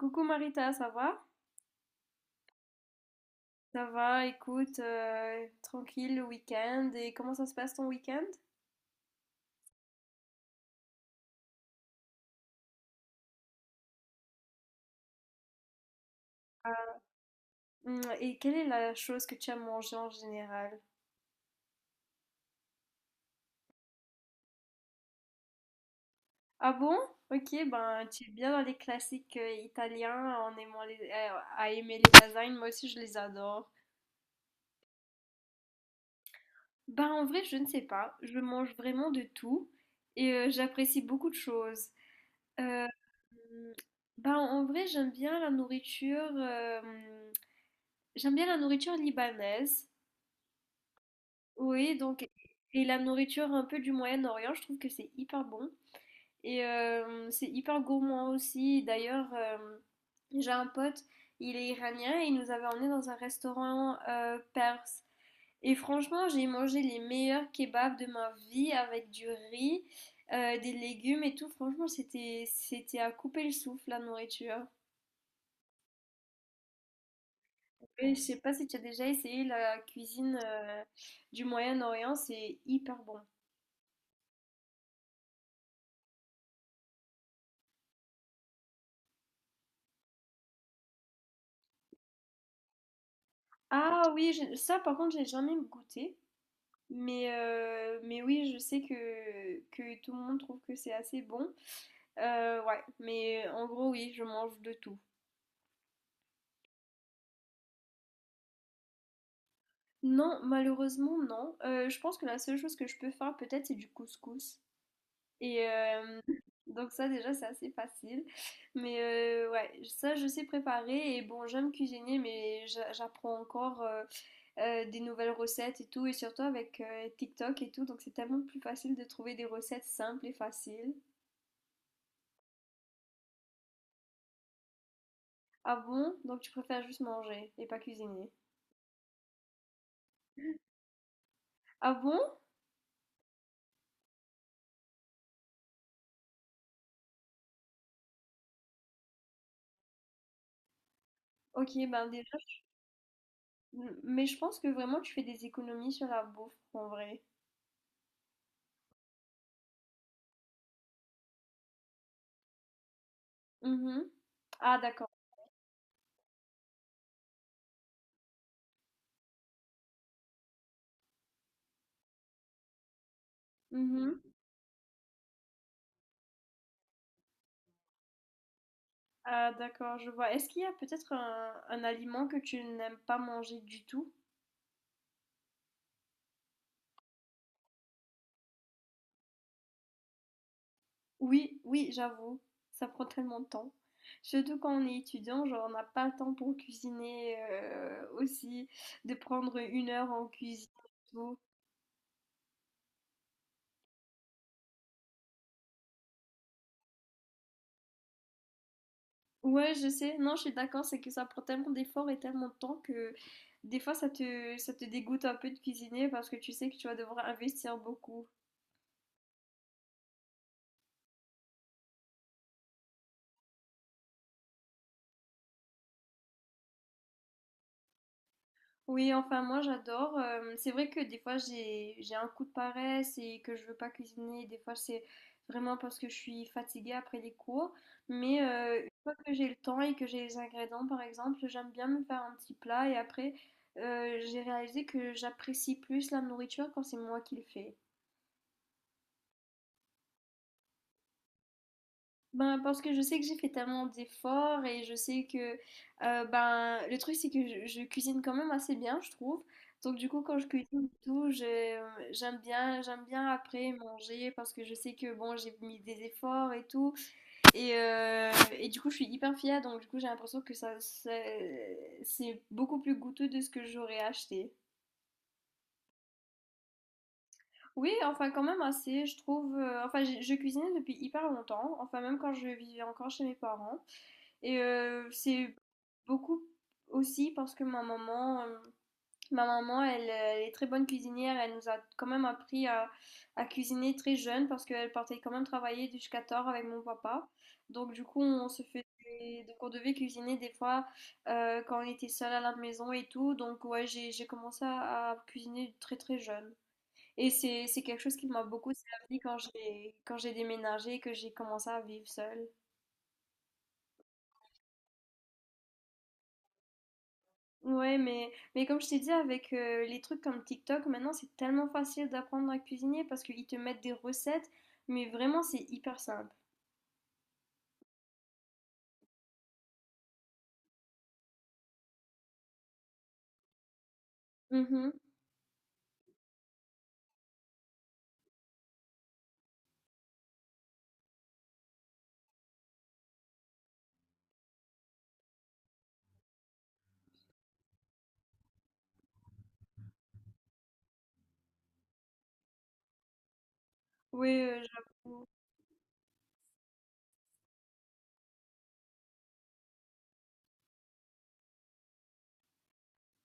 Coucou Marita, ça va? Ça va, écoute, tranquille le week-end. Et comment ça se passe ton week-end? Et quelle est la chose que tu as mangée en général? Ah bon? Ok, ben tu es bien dans les classiques italiens en aimant à aimer les lasagnes. Moi aussi, je les adore. Ben en vrai, je ne sais pas. Je mange vraiment de tout et j'apprécie beaucoup de choses. Euh, hum, ben en vrai, j'aime bien la nourriture. J'aime bien la nourriture libanaise. Oui, donc, et la nourriture un peu du Moyen-Orient, je trouve que c'est hyper bon. Et c'est hyper gourmand aussi. D'ailleurs, j'ai un pote, il est iranien et il nous avait emmené dans un restaurant perse. Et franchement, j'ai mangé les meilleurs kebabs de ma vie avec du riz, des légumes et tout. Franchement, c'était à couper le souffle, la nourriture. Et je sais pas si tu as déjà essayé la cuisine du Moyen-Orient, c'est hyper bon. Ah oui, ça par contre, j'ai jamais goûté. Mais oui, je sais que tout le monde trouve que c'est assez bon. Ouais, mais en gros, oui, je mange de tout. Non, malheureusement, non. Je pense que la seule chose que je peux faire, peut-être, c'est du couscous. Et donc, ça, déjà, c'est assez facile. Mais ouais, ça, je sais préparer. Et bon, j'aime cuisiner, mais j'apprends encore. Des nouvelles recettes et tout, et surtout avec TikTok et tout, donc c'est tellement plus facile de trouver des recettes simples et faciles. Ah bon? Donc tu préfères juste manger et pas cuisiner. Ah bon? Ok, ben déjà, mais je pense que vraiment tu fais des économies sur la bouffe en vrai. Mhm. Ah d'accord. Mhm. Ah d'accord, je vois. Est-ce qu'il y a peut-être un aliment que tu n'aimes pas manger du tout? Oui, oui, j'avoue, ça prend tellement de temps. Surtout quand on est étudiant, genre on n'a pas le temps pour cuisiner aussi, de prendre 1 heure en cuisine et tout. Ouais, je sais, non, je suis d'accord, c'est que ça prend tellement d'efforts et tellement de temps que des fois ça te dégoûte un peu de cuisiner parce que tu sais que tu vas devoir investir beaucoup. Oui, enfin moi j'adore. C'est vrai que des fois j'ai un coup de paresse et que je veux pas cuisiner. Des fois c'est vraiment parce que je suis fatiguée après les cours. Mais une fois que j'ai le temps et que j'ai les ingrédients par exemple, j'aime bien me faire un petit plat et après j'ai réalisé que j'apprécie plus la nourriture quand c'est moi qui le fais. Ben, parce que je sais que j'ai fait tellement d'efforts et je sais que ben le truc c'est que je cuisine quand même assez bien, je trouve. Donc du coup quand je cuisine et tout, j'aime bien après manger parce que je sais que bon, j'ai mis des efforts et tout et, euh, et du coup je suis hyper fière donc du coup j'ai l'impression que ça c'est beaucoup plus goûteux de ce que j'aurais acheté. Oui, enfin quand même assez, je trouve. Enfin, je cuisinais depuis hyper longtemps, enfin même quand je vivais encore chez mes parents. Et c'est beaucoup aussi parce que ma maman, elle est très bonne cuisinière. Elle nous a quand même appris à cuisiner très jeune parce qu'elle partait quand même travailler jusqu'à tard avec mon papa. Donc du coup, on se fait des- donc on devait cuisiner des fois quand on était seul à la maison et tout. Donc ouais, j'ai commencé à cuisiner très très jeune. Et c'est quelque chose qui m'a beaucoup servi quand j'ai déménagé et que j'ai commencé à vivre seule. Ouais, mais comme je t'ai dit, avec les trucs comme TikTok, maintenant c'est tellement facile d'apprendre à cuisiner parce qu'ils te mettent des recettes, mais vraiment c'est hyper simple. Mhm. Ouais, j'avoue.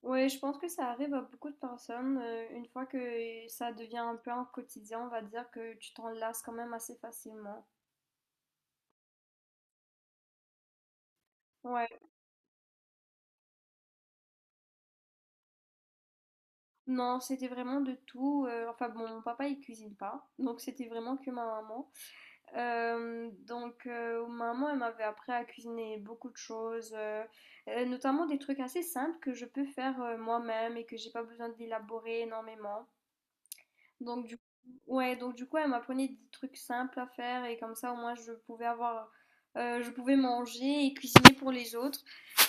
Ouais, je pense que ça arrive à beaucoup de personnes. Une fois que ça devient un peu un quotidien, on va dire que tu t'en lasses quand même assez facilement. Ouais, non, c'était vraiment de tout. Enfin bon, mon papa il cuisine pas, donc c'était vraiment que ma maman. Donc maman, elle m'avait appris à cuisiner beaucoup de choses, notamment des trucs assez simples que je peux faire, moi-même et que j'ai pas besoin d'élaborer énormément. Donc du Ouais, donc du coup, elle m'apprenait des trucs simples à faire et comme ça, au moins, je pouvais avoir, je pouvais manger et cuisiner pour les autres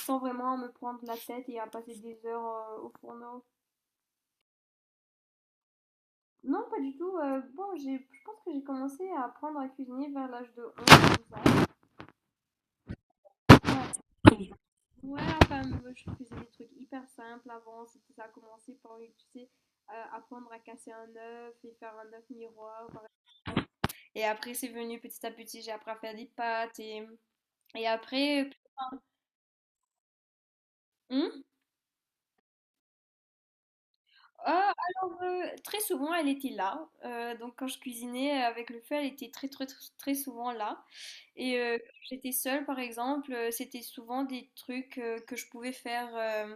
sans vraiment me prendre la tête et à passer des heures, au fourneau. Non, pas du tout, bon, j'ai je pense que j'ai commencé à apprendre à cuisiner vers l'âge de 11-12 ans. Ouais. Ouais, enfin, moi, je faisais des trucs hyper simples avant. C'était Ça a commencé par, tu sais, apprendre à casser un œuf et faire un œuf miroir. Et après, c'est venu petit à petit. J'ai appris à faire des pâtes. Et après, Hum? Ah, alors, très souvent, elle était là. Donc, quand je cuisinais avec le feu, elle était très, très, très très souvent là. Et quand j'étais seule, par exemple, c'était souvent des trucs que je pouvais faire. euh,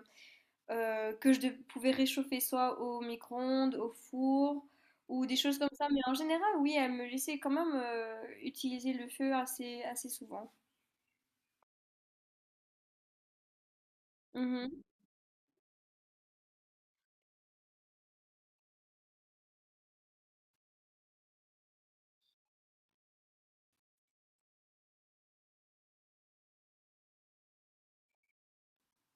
euh, Que je pouvais réchauffer soit au micro-ondes, au four ou des choses comme ça. Mais en général, oui, elle me laissait quand même utiliser le feu assez, assez souvent. Mhm.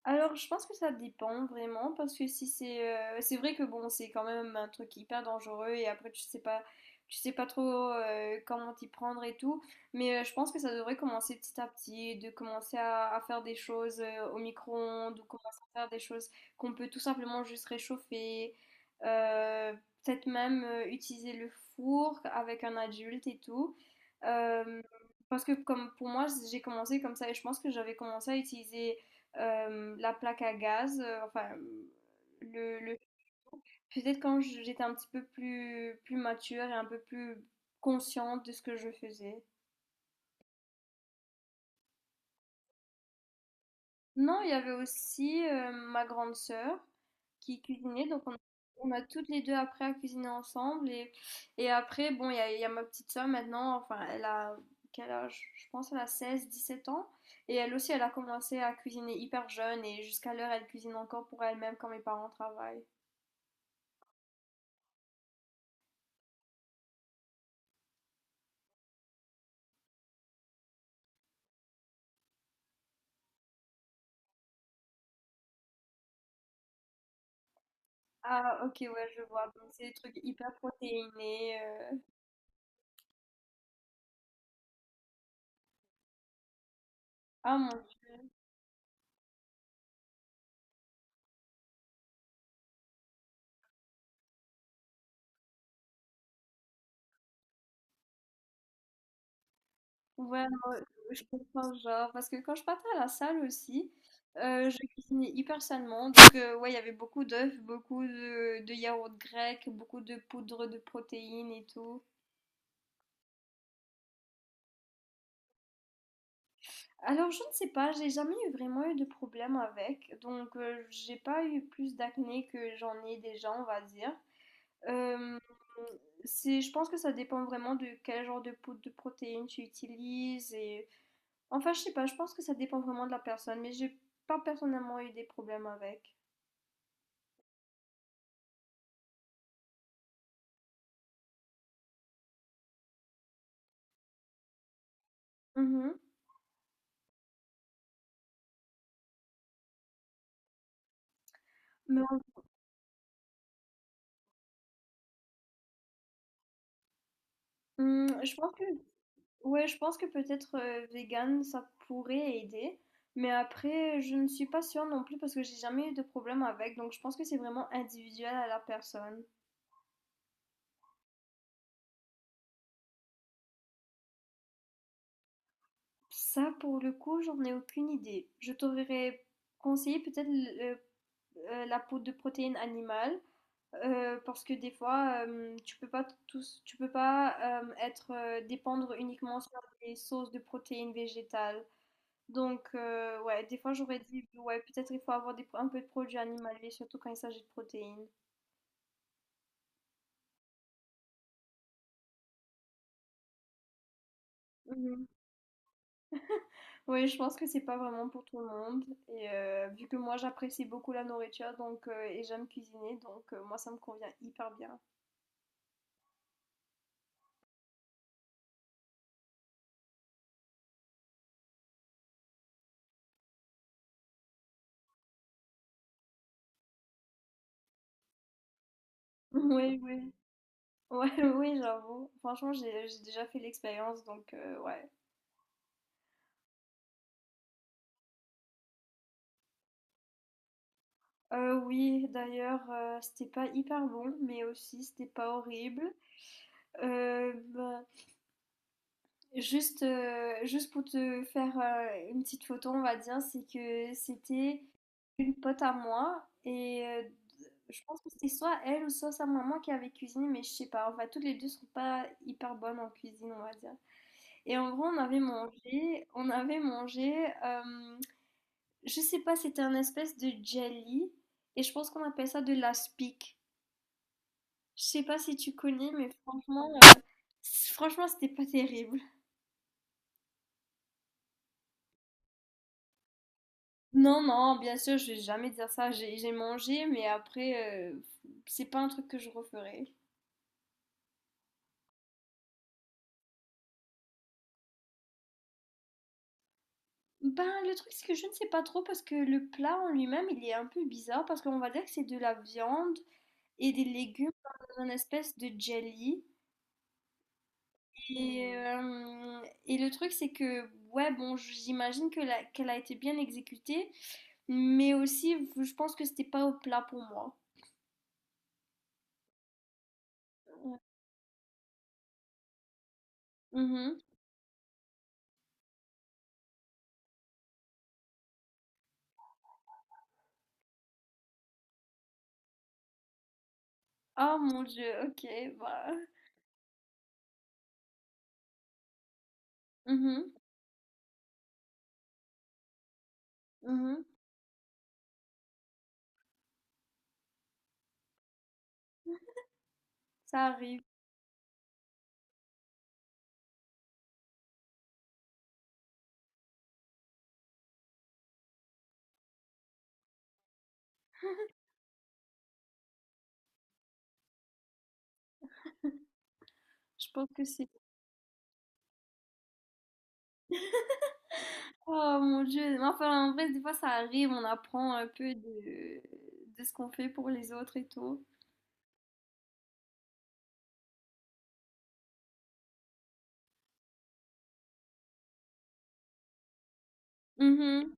Alors, je pense que ça dépend vraiment, parce que si c'est, c'est vrai que bon, c'est quand même un truc hyper dangereux et après tu sais pas, trop comment t'y prendre et tout. Mais je pense que ça devrait commencer petit à petit, de commencer à faire des choses au micro-ondes ou commencer à faire des choses qu'on peut tout simplement juste réchauffer. euh, Peut-être même utiliser le four avec un adulte et tout. Euh, Parce que comme pour moi, j'ai commencé comme ça et je pense que j'avais commencé à utiliser la plaque à gaz, enfin le peut-être quand j'étais un petit peu plus mature et un peu plus consciente de ce que je faisais. Non, il y avait aussi ma grande sœur qui cuisinait, donc on a toutes les deux après à cuisiner ensemble et après bon, il y a ma petite sœur maintenant, enfin elle a quel âge? Je pense elle a 16-17 ans et elle aussi elle a commencé à cuisiner hyper jeune et jusqu'à l'heure elle cuisine encore pour elle-même quand mes parents travaillent. Ah OK, ouais, je vois. Donc c'est des trucs hyper protéinés, heu. Ah mon Dieu. Ouais, non, je comprends genre parce que quand je partais à la salle aussi, je cuisinais hyper sainement donc ouais, il y avait beaucoup d'œufs, beaucoup de yaourts grecs, beaucoup de poudre de protéines et tout. Alors je ne sais pas, j'ai jamais eu vraiment eu de problème avec donc j'ai pas eu plus d'acné que j'en ai déjà, on va dire. Euh, je pense que ça dépend vraiment de quel genre de poudre de protéines tu utilises et enfin je sais pas, je pense que ça dépend vraiment de la personne, mais j'ai pas personnellement eu des problèmes avec. Mhm. Mais en- hum, je pense que ouais, je pense que peut-être vegan ça pourrait aider, mais après je ne suis pas sûre non plus parce que j'ai jamais eu de problème avec, donc je pense que c'est vraiment individuel à la personne. Ça pour le coup, j'en ai aucune idée. Je t'aurais conseillé peut-être la poudre de protéines animales parce que des fois tu peux pas être dépendre uniquement sur des sources de protéines végétales. Donc ouais, des fois j'aurais dit ouais peut-être il faut avoir un peu de produits animaliers surtout quand il s'agit de protéines. Mhm. Oui, je pense que c'est pas vraiment pour tout le monde et vu que moi j'apprécie beaucoup la nourriture donc et j'aime cuisiner donc moi ça me convient hyper bien. Oui, oui. Ouais, oui, j'avoue. Franchement, j'ai déjà fait l'expérience, donc ouais. Oui, d'ailleurs, c'était pas hyper bon, mais aussi c'était pas horrible. Bah, juste pour te faire une petite photo, on va dire, c'est que c'était une pote à moi et je pense que c'était soit elle ou soit sa maman qui avait cuisiné, mais je sais pas. Enfin, toutes les deux sont pas hyper bonnes en cuisine, on va dire. Et en gros, on avait mangé. euh, je sais pas, c'était un espèce de jelly et je pense qu'on appelle ça de l'aspic. Je sais pas si tu connais, mais franchement, franchement, c'était pas terrible. Non, non, bien sûr, je vais jamais dire ça. J'ai mangé, mais après, c'est pas un truc que je referai. Ben, le truc, c'est que je ne sais pas trop parce que le plat en lui-même, il est un peu bizarre parce qu'on va dire que c'est de la viande et des légumes dans un espèce de jelly. Et, euh, et le truc, c'est que, ouais, bon, j'imagine que qu'elle a été bien exécutée, mais aussi, je pense que c'était pas au plat pour moi. Ouais. Mhm. Oh mon Dieu, ok, bah. Mhm, mhm, ça arrive. Je pense que c'est. Oh mon Dieu. Mais enfin, en vrai, des fois, ça arrive. On apprend un peu de ce qu'on fait pour les autres et tout. Mhm.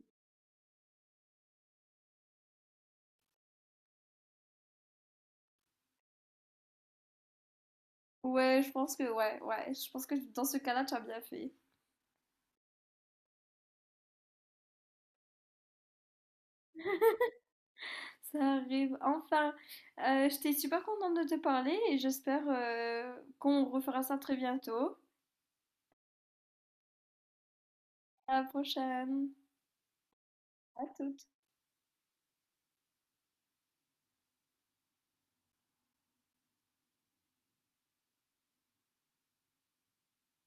Ouais, je pense que, ouais, ouais. Je pense que dans ce cas-là, tu as bien fait. Ça arrive. Enfin, j'étais super contente de te parler et j'espère qu'on refera ça très bientôt. À la prochaine. À toutes.